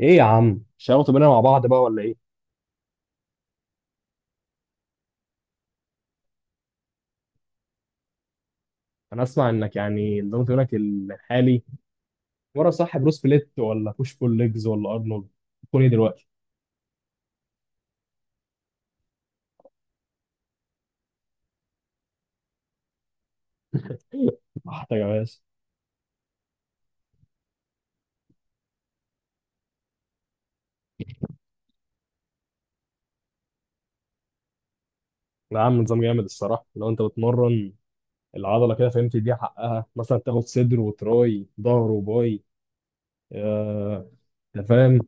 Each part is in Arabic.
ايه يا عم، شغلتوا بينا مع بعض بقى ولا ايه؟ انا اسمع انك يعني نظام تمرينك الحالي مره صح بروس بليت ولا بوش بول ليجز ولا ارنولد تكون ايه دلوقتي. محتاج يا باشا. لا يا عم، نظام جامد الصراحه. لو انت بتمرن العضله كده فهمت، دي حقها مثلا تاخد صدر وتراي، ظهر وباي. آه، انت فاهم.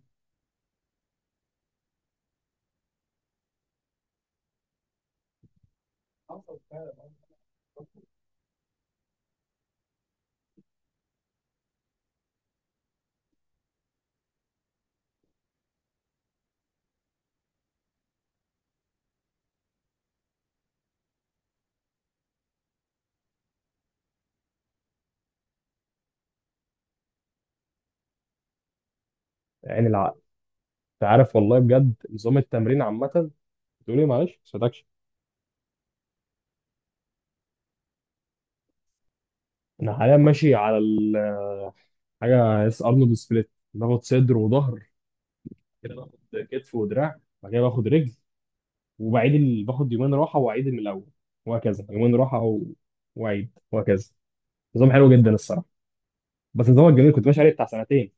عين العقل. انت عارف والله بجد نظام التمرين عامه. تقول ايه، معلش صدقش. انا حاليا ماشي على حاجه اس ارنولد سبليت. باخد صدر وظهر، كده باخد كتف ودراع، بعد كده باخد رجل. وبعيد باخد يومين راحه واعيد من الاول، وهكذا. يومين راحه واعيد، وهكذا. نظام حلو جدا الصراحه. بس نظامك جميل، كنت ماشي عليه بتاع سنتين.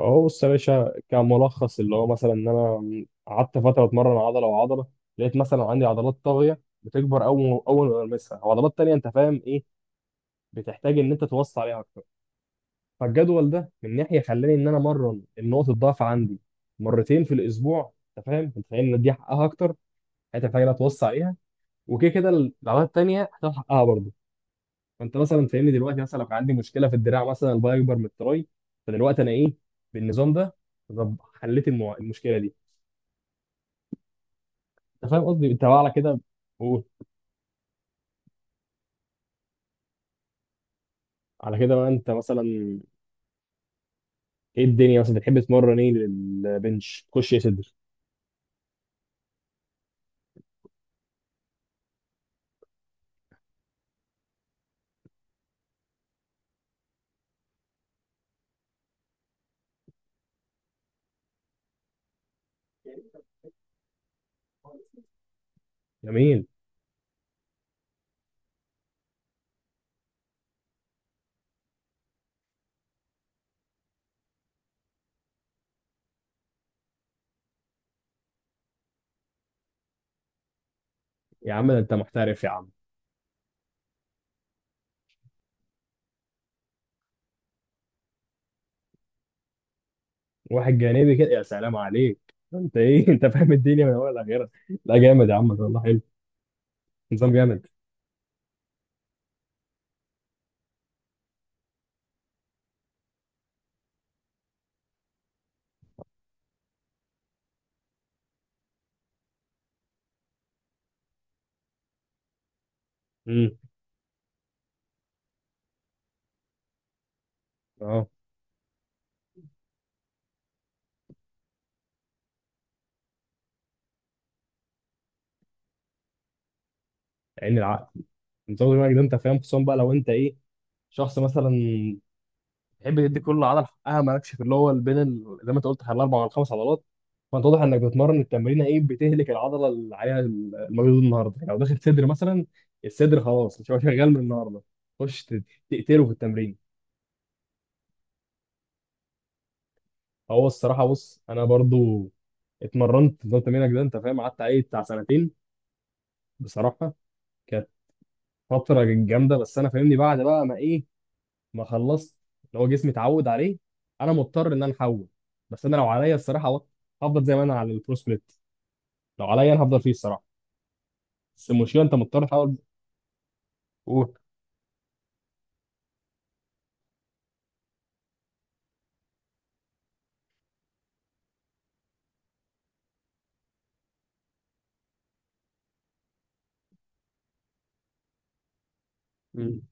اهو بص يا باشا، كملخص اللي هو مثلا ان انا قعدت فتره اتمرن عضله وعضله، لقيت مثلا عندي عضلات طاغيه بتكبر اول اول ما بلمسها، وعضلات تانيه، انت فاهم ايه، بتحتاج ان انت توصي عليها اكتر. فالجدول ده من ناحيه خلاني ان انا امرن النقط الضعف عندي مرتين في الاسبوع. انت فاهم ان دي حقها اكتر، حته في حاجه لا توصي عليها، وكده كده العضلات التانيه هتاخد حقها برضه. فانت مثلا فاهمني دلوقتي، مثلا لو كان عندي مشكله في الدراع مثلا، الباي اكبر من التراي، فدلوقتي انا ايه بالنظام ده. طب حليت المشكله دي، انت فاهم قصدي، انت بقى على كده. قول. على كده بقى انت، مثلا ايه الدنيا مثلا بتحب تتمرن ايه، للبنش تخش يا صدر. جميل. يا عم ده انت محترف يا عم. واحد جانبي كده، يا سلام عليك، انت ايه؟ انت فاهم الدنيا من اولها لاخرها. لا جامد يا عم، والله حلو. نظام جامد. امم. اه. عين العقل. نظام دماغك ده، انت فاهم، خصوصا بقى لو انت ايه، شخص مثلا تحب تدي كل عضله حقها، مالكش في اللي هو بين زي ما انت قلت، الاربع ولا الخمس عضلات. فانت واضح انك بتتمرن التمرينه ايه، بتهلك العضله اللي عليها المجهود النهارده. يعني لو داخل صدر مثلا، الصدر خلاص مش هو شغال من النهارده. خش تقتله في التمرين. هو الصراحه بص، انا برضو اتمرنت نظام تمرينك ده، انت فاهم، قعدت عليه بتاع سنتين. بصراحه كانت فتره جامده، بس انا، فاهمني، بعد بقى ما ايه، ما خلصت، اللي هو جسمي اتعود عليه، انا مضطر ان انا احول. بس انا لو عليا الصراحه هفضل زي ما انا على البرو سبليت. لو عليا انا هفضل فيه الصراحه، بس المشكله انت مضطر تحول. اوه. مم.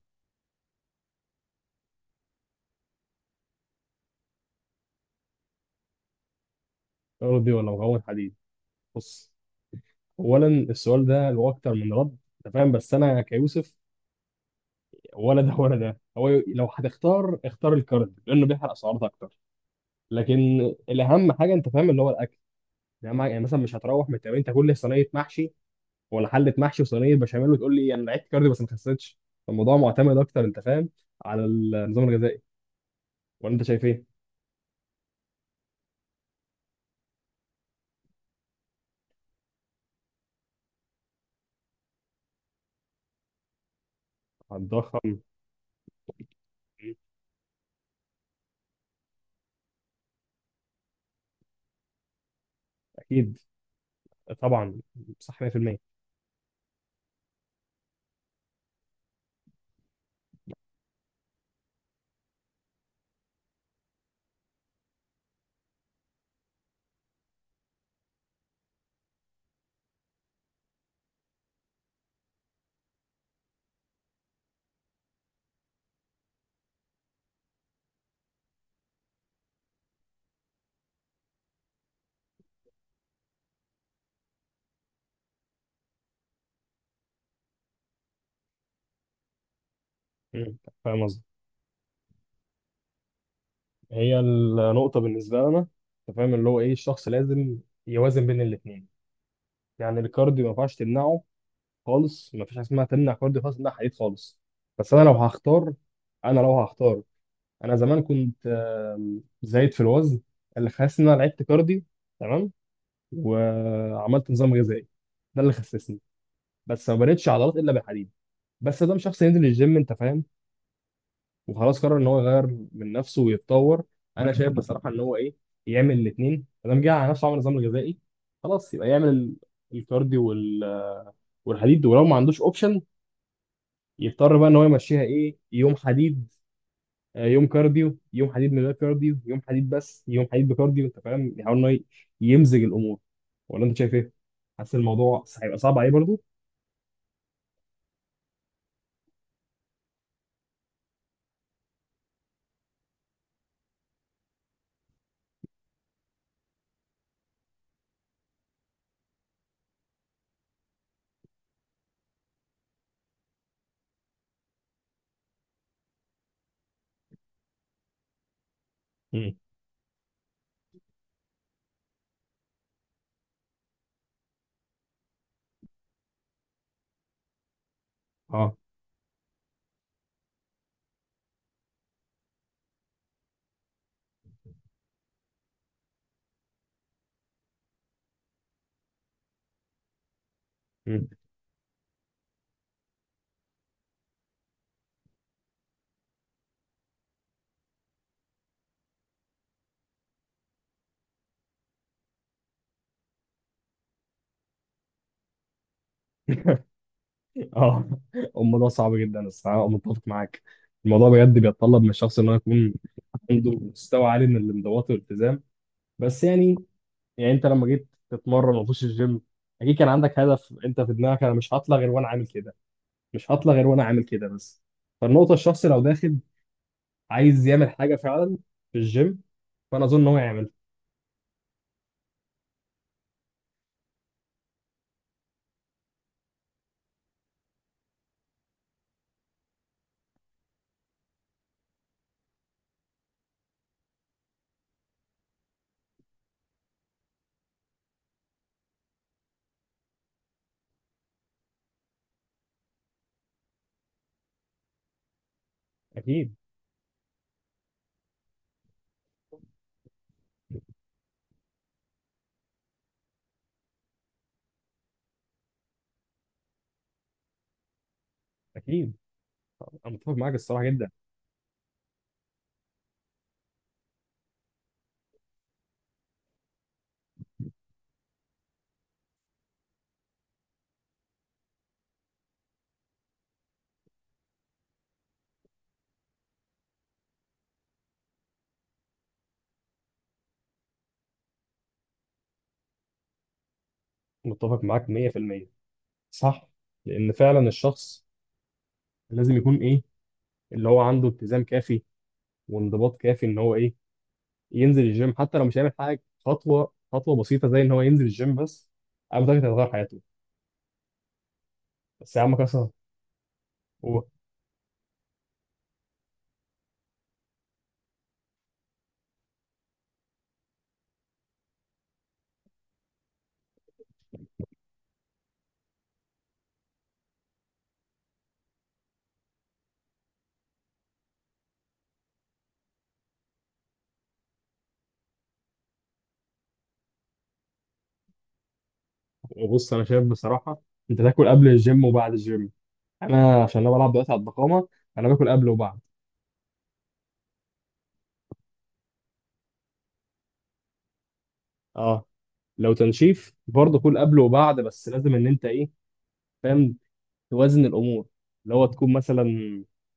ارضي ولا مكون حديد. بص، اولا السؤال ده له اكتر من رد، انت فاهم، بس انا كيوسف، ولا ده ولا ده، هو لو هتختار اختار الكارب لانه بيحرق سعرات اكتر. لكن الاهم حاجه، انت فاهم، اللي هو الاكل. يعني مثلا مش هتروح من التمرين تاكل لي صينيه محشي ولا حله محشي وصينيه بشاميل وتقول لي انا لعبت كارديو بس ما خسيتش. الموضوع معتمد اكتر، انت فاهم، على النظام الغذائي. ولا انت شايف ايه؟ هتضخم. مم. اكيد. طبعا. صح 100%. مم. فاهم قصدي. هي النقطه بالنسبه لنا، انت فاهم، اللي هو ايه، الشخص لازم يوازن بين الاثنين. يعني الكارديو ما ينفعش تمنعه خالص، ما فيش حاجه اسمها تمنع كارديو خالص تمنع حديد خالص. بس انا لو هختار، انا زمان كنت زايد في الوزن، اللي خلاص ان انا لعبت كارديو، تمام، وعملت نظام غذائي. ده اللي خسسني، بس ما بنيتش عضلات الا بالحديد. بس ده مش شخص ينزل الجيم، انت فاهم، وخلاص قرر ان هو يغير من نفسه ويتطور. انا شايف بصراحه ان هو ايه، يعمل الاثنين، ما دام جه على نفسه عمل نظام غذائي، خلاص يبقى يعمل الكارديو والحديد. ولو ما عندوش اوبشن، يضطر بقى ان هو يمشيها ايه، يوم حديد، يوم كارديو، يوم حديد من غير كارديو، يوم حديد بس، يوم حديد بكارديو، انت فاهم، يحاول ان هو يمزج الامور. ولا انت شايف ايه؟ حاسس الموضوع هيبقى صعب عليه برضه؟ اه. مم. اه. الموضوع صعب جدا الصراحه، أنا متفق معاك. الموضوع بجد بيتطلب من الشخص ان هو يكون عنده مستوى عالي من الانضباط والالتزام. بس يعني انت لما جيت تتمرن وتخش الجيم اكيد كان عندك هدف انت في دماغك، انا مش هطلع غير وانا عامل كده، مش هطلع غير وانا عامل كده، بس. فالنقطه الشخص لو داخل عايز يعمل حاجه فعلا في الجيم، فانا اظن ان هو يعمل. اكيد. اكيد، انا متفق معاك الصراحه جدا. متفق معاك 100%. صح. لان فعلا الشخص لازم يكون إيه؟ اللي هو عنده التزام كافي وانضباط كافي ان هو ايه، ينزل الجيم حتى لو مش هيعمل حاجه. خطوه خطوه بسيطه، زي ان هو ينزل الجيم بس، انا متاكد هتغير حياته. بس يا عم كسر و- وبص، انا شايف بصراحه انت تاكل قبل الجيم وبعد الجيم. انا عشان انا بلعب دلوقتي على الضخامه، انا باكل قبل وبعد. اه، لو تنشيف برضه كل قبل وبعد، بس لازم ان انت ايه، فاهم، توازن الامور. اللي هو تكون مثلا،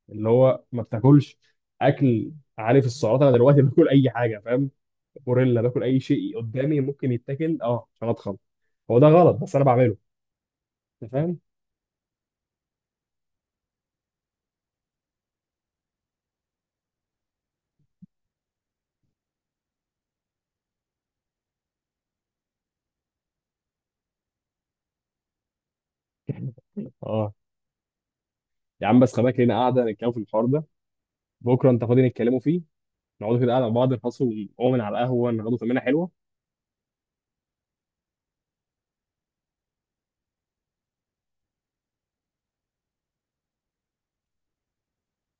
اللي هو ما بتاكلش اكل، عارف السعرات. انا دلوقتي باكل اي حاجه، فاهم، غوريلا، باكل اي شيء قدامي ممكن يتاكل، اه، عشان اتخن. هو ده غلط بس انا بعمله، انت فاهم. اه. يا عم بس، خباك لينا قاعده نتكلم في الحوار ده. بكره انت فاضي نتكلموا فيه، نقعدوا كده قاعده مع بعض، نخلصوا من على القهوه ناخدوا تمرينه حلوه.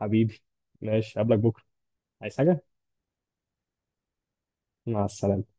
حبيبي، ماشي، قبلك بكره، عايز حاجه؟ مع السلامه.